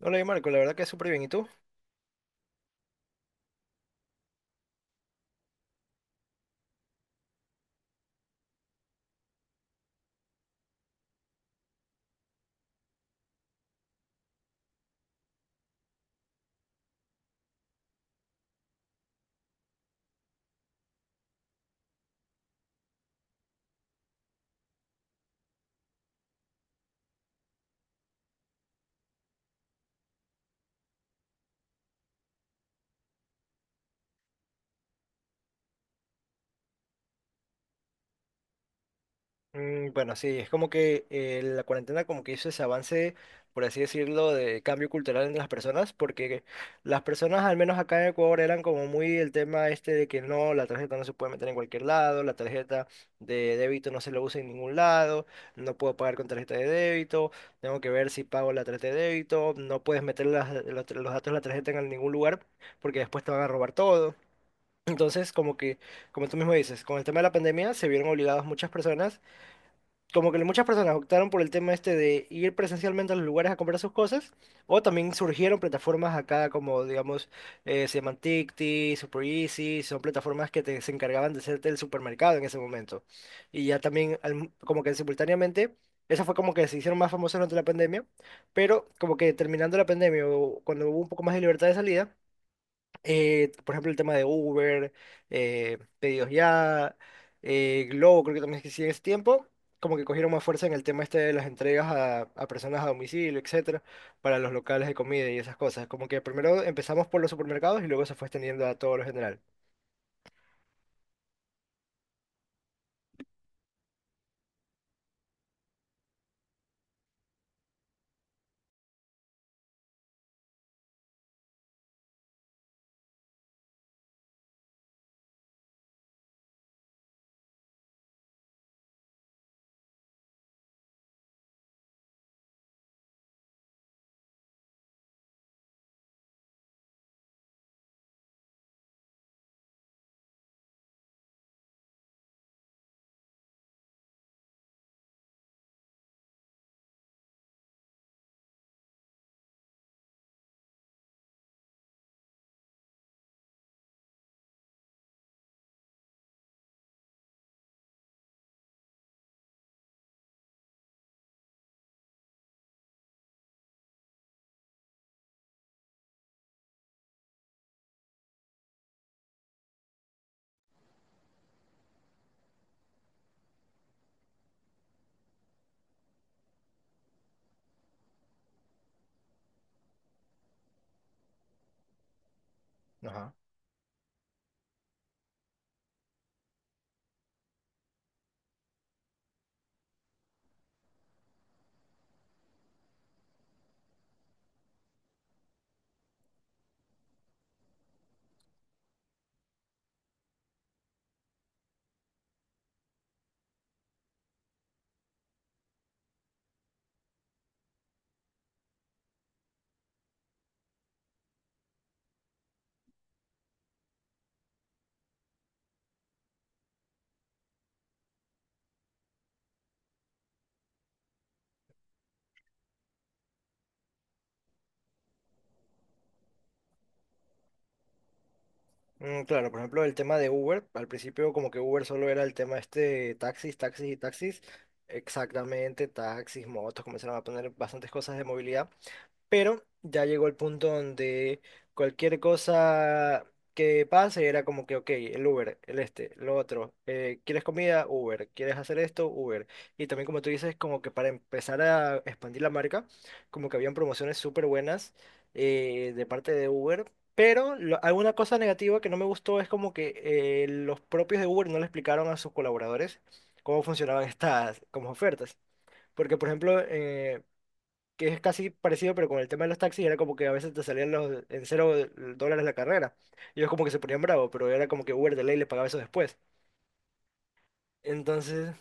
Hola, y Marco, la verdad que súper bien. ¿Y tú? Mm, bueno, sí, es como que la cuarentena como que hizo ese avance, por así decirlo, de cambio cultural en las personas, porque las personas, al menos acá en Ecuador, eran como muy el tema este de que no, la tarjeta no se puede meter en cualquier lado, la tarjeta de débito no se lo usa en ningún lado, no puedo pagar con tarjeta de débito, tengo que ver si pago la tarjeta de débito, no puedes meter los datos de la tarjeta en ningún lugar porque después te van a robar todo. Entonces, como que, como tú mismo dices, con el tema de la pandemia se vieron obligadas muchas personas, como que muchas personas optaron por el tema este de ir presencialmente a los lugares a comprar sus cosas, o también surgieron plataformas acá como, digamos, se llaman Tikti, Super Easy, son plataformas que te, se encargaban de hacerte el supermercado en ese momento. Y ya también, como que simultáneamente, esa fue como que se hicieron más famosas durante la pandemia, pero como que terminando la pandemia o cuando hubo un poco más de libertad de salida por ejemplo, el tema de Uber, pedidos ya, Globo, creo que también es que sí en ese tiempo, como que cogieron más fuerza en el tema este de las entregas a personas a domicilio, etcétera, para los locales de comida y esas cosas. Como que primero empezamos por los supermercados y luego se fue extendiendo a todo lo general. Ajá. Mm, claro, por ejemplo, el tema de Uber, al principio como que Uber solo era el tema este taxis, taxis y taxis, exactamente, taxis, motos, comenzaron a poner bastantes cosas de movilidad. Pero ya llegó el punto donde cualquier cosa que pase era como que, ok, el Uber, el este, lo otro, ¿quieres comida? Uber, ¿quieres hacer esto? Uber. Y también como tú dices, como que para empezar a expandir la marca, como que habían promociones súper buenas de parte de Uber. Pero alguna cosa negativa que no me gustó es como que los propios de Uber no le explicaron a sus colaboradores cómo funcionaban estas como ofertas. Porque, por ejemplo, que es casi parecido, pero con el tema de los taxis era como que a veces te salían los, en cero dólares la carrera. Y ellos como que se ponían bravos, pero era como que Uber de ley les pagaba eso después. Entonces,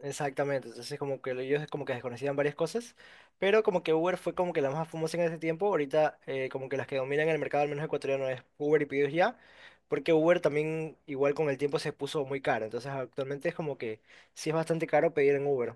exactamente, entonces como que ellos como que desconocían varias cosas, pero como que Uber fue como que la más famosa en ese tiempo, ahorita como que las que dominan el mercado, al menos ecuatoriano, es Uber y Pedidos Ya, porque Uber también igual con el tiempo se puso muy caro, entonces actualmente es como que sí es bastante caro pedir en Uber.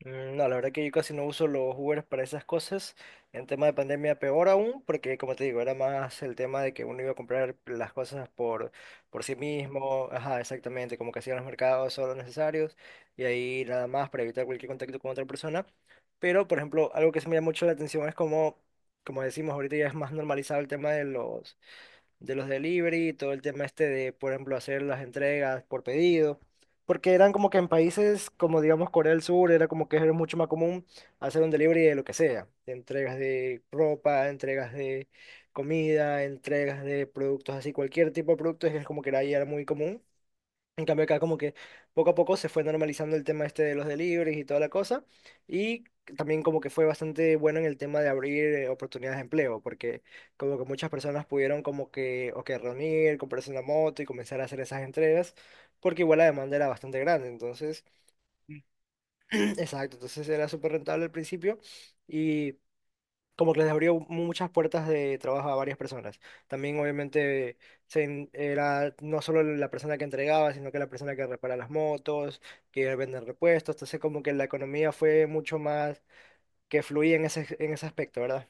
Mm, no, la verdad que yo casi no uso los Ubers para esas cosas. En tema de pandemia, peor aún, porque como te digo, era más el tema de que uno iba a comprar las cosas por sí mismo. Ajá, exactamente, como que hacían los mercados solo necesarios y ahí nada más para evitar cualquier contacto con otra persona. Pero, por ejemplo, algo que se me llama mucho la atención es como, como decimos, ahorita ya es más normalizado el tema de los delivery, todo el tema este de, por ejemplo, hacer las entregas por pedido, porque eran como que en países como, digamos, Corea del Sur, era como que era mucho más común hacer un delivery de lo que sea, de entregas de ropa, entregas de comida, entregas de productos así, cualquier tipo de productos, es como que era, ahí era muy común. En cambio acá como que poco a poco se fue normalizando el tema este de los deliveries y toda la cosa y también como que fue bastante bueno en el tema de abrir oportunidades de empleo porque como que muchas personas pudieron como que o que reunir, comprarse una moto y comenzar a hacer esas entregas porque igual la demanda era bastante grande, entonces, exacto, entonces era súper rentable al principio y como que les abrió muchas puertas de trabajo a varias personas. También obviamente era no solo la persona que entregaba, sino que la persona que repara las motos, que vende repuestos, entonces como que la economía fue mucho más que fluía en ese aspecto, ¿verdad?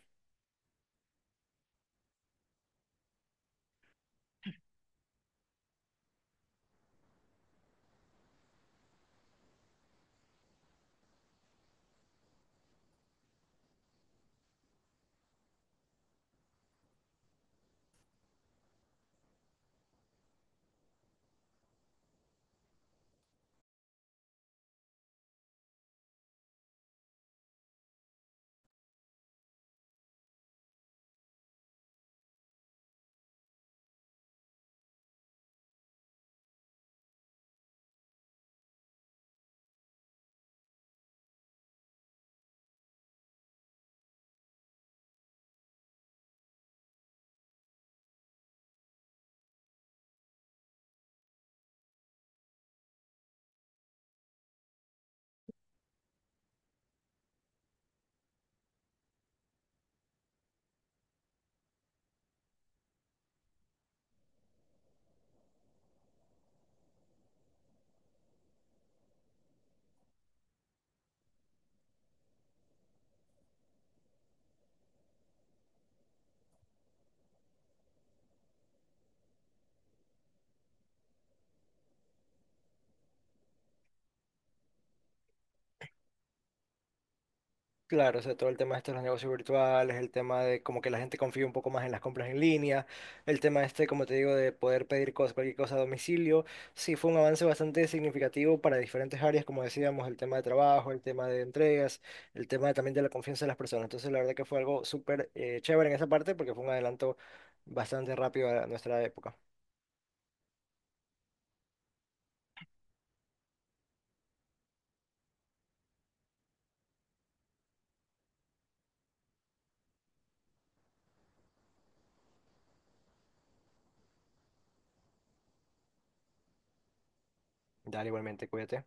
Claro, o sea, todo el tema este de los negocios virtuales, el tema de como que la gente confía un poco más en las compras en línea, el tema este, como te digo, de poder pedir cosas, cualquier cosa a domicilio, sí fue un avance bastante significativo para diferentes áreas, como decíamos, el tema de trabajo, el tema de entregas, el tema también de la confianza de las personas. Entonces, la verdad que fue algo súper chévere en esa parte porque fue un adelanto bastante rápido a nuestra época. Dale, igualmente, cuídate.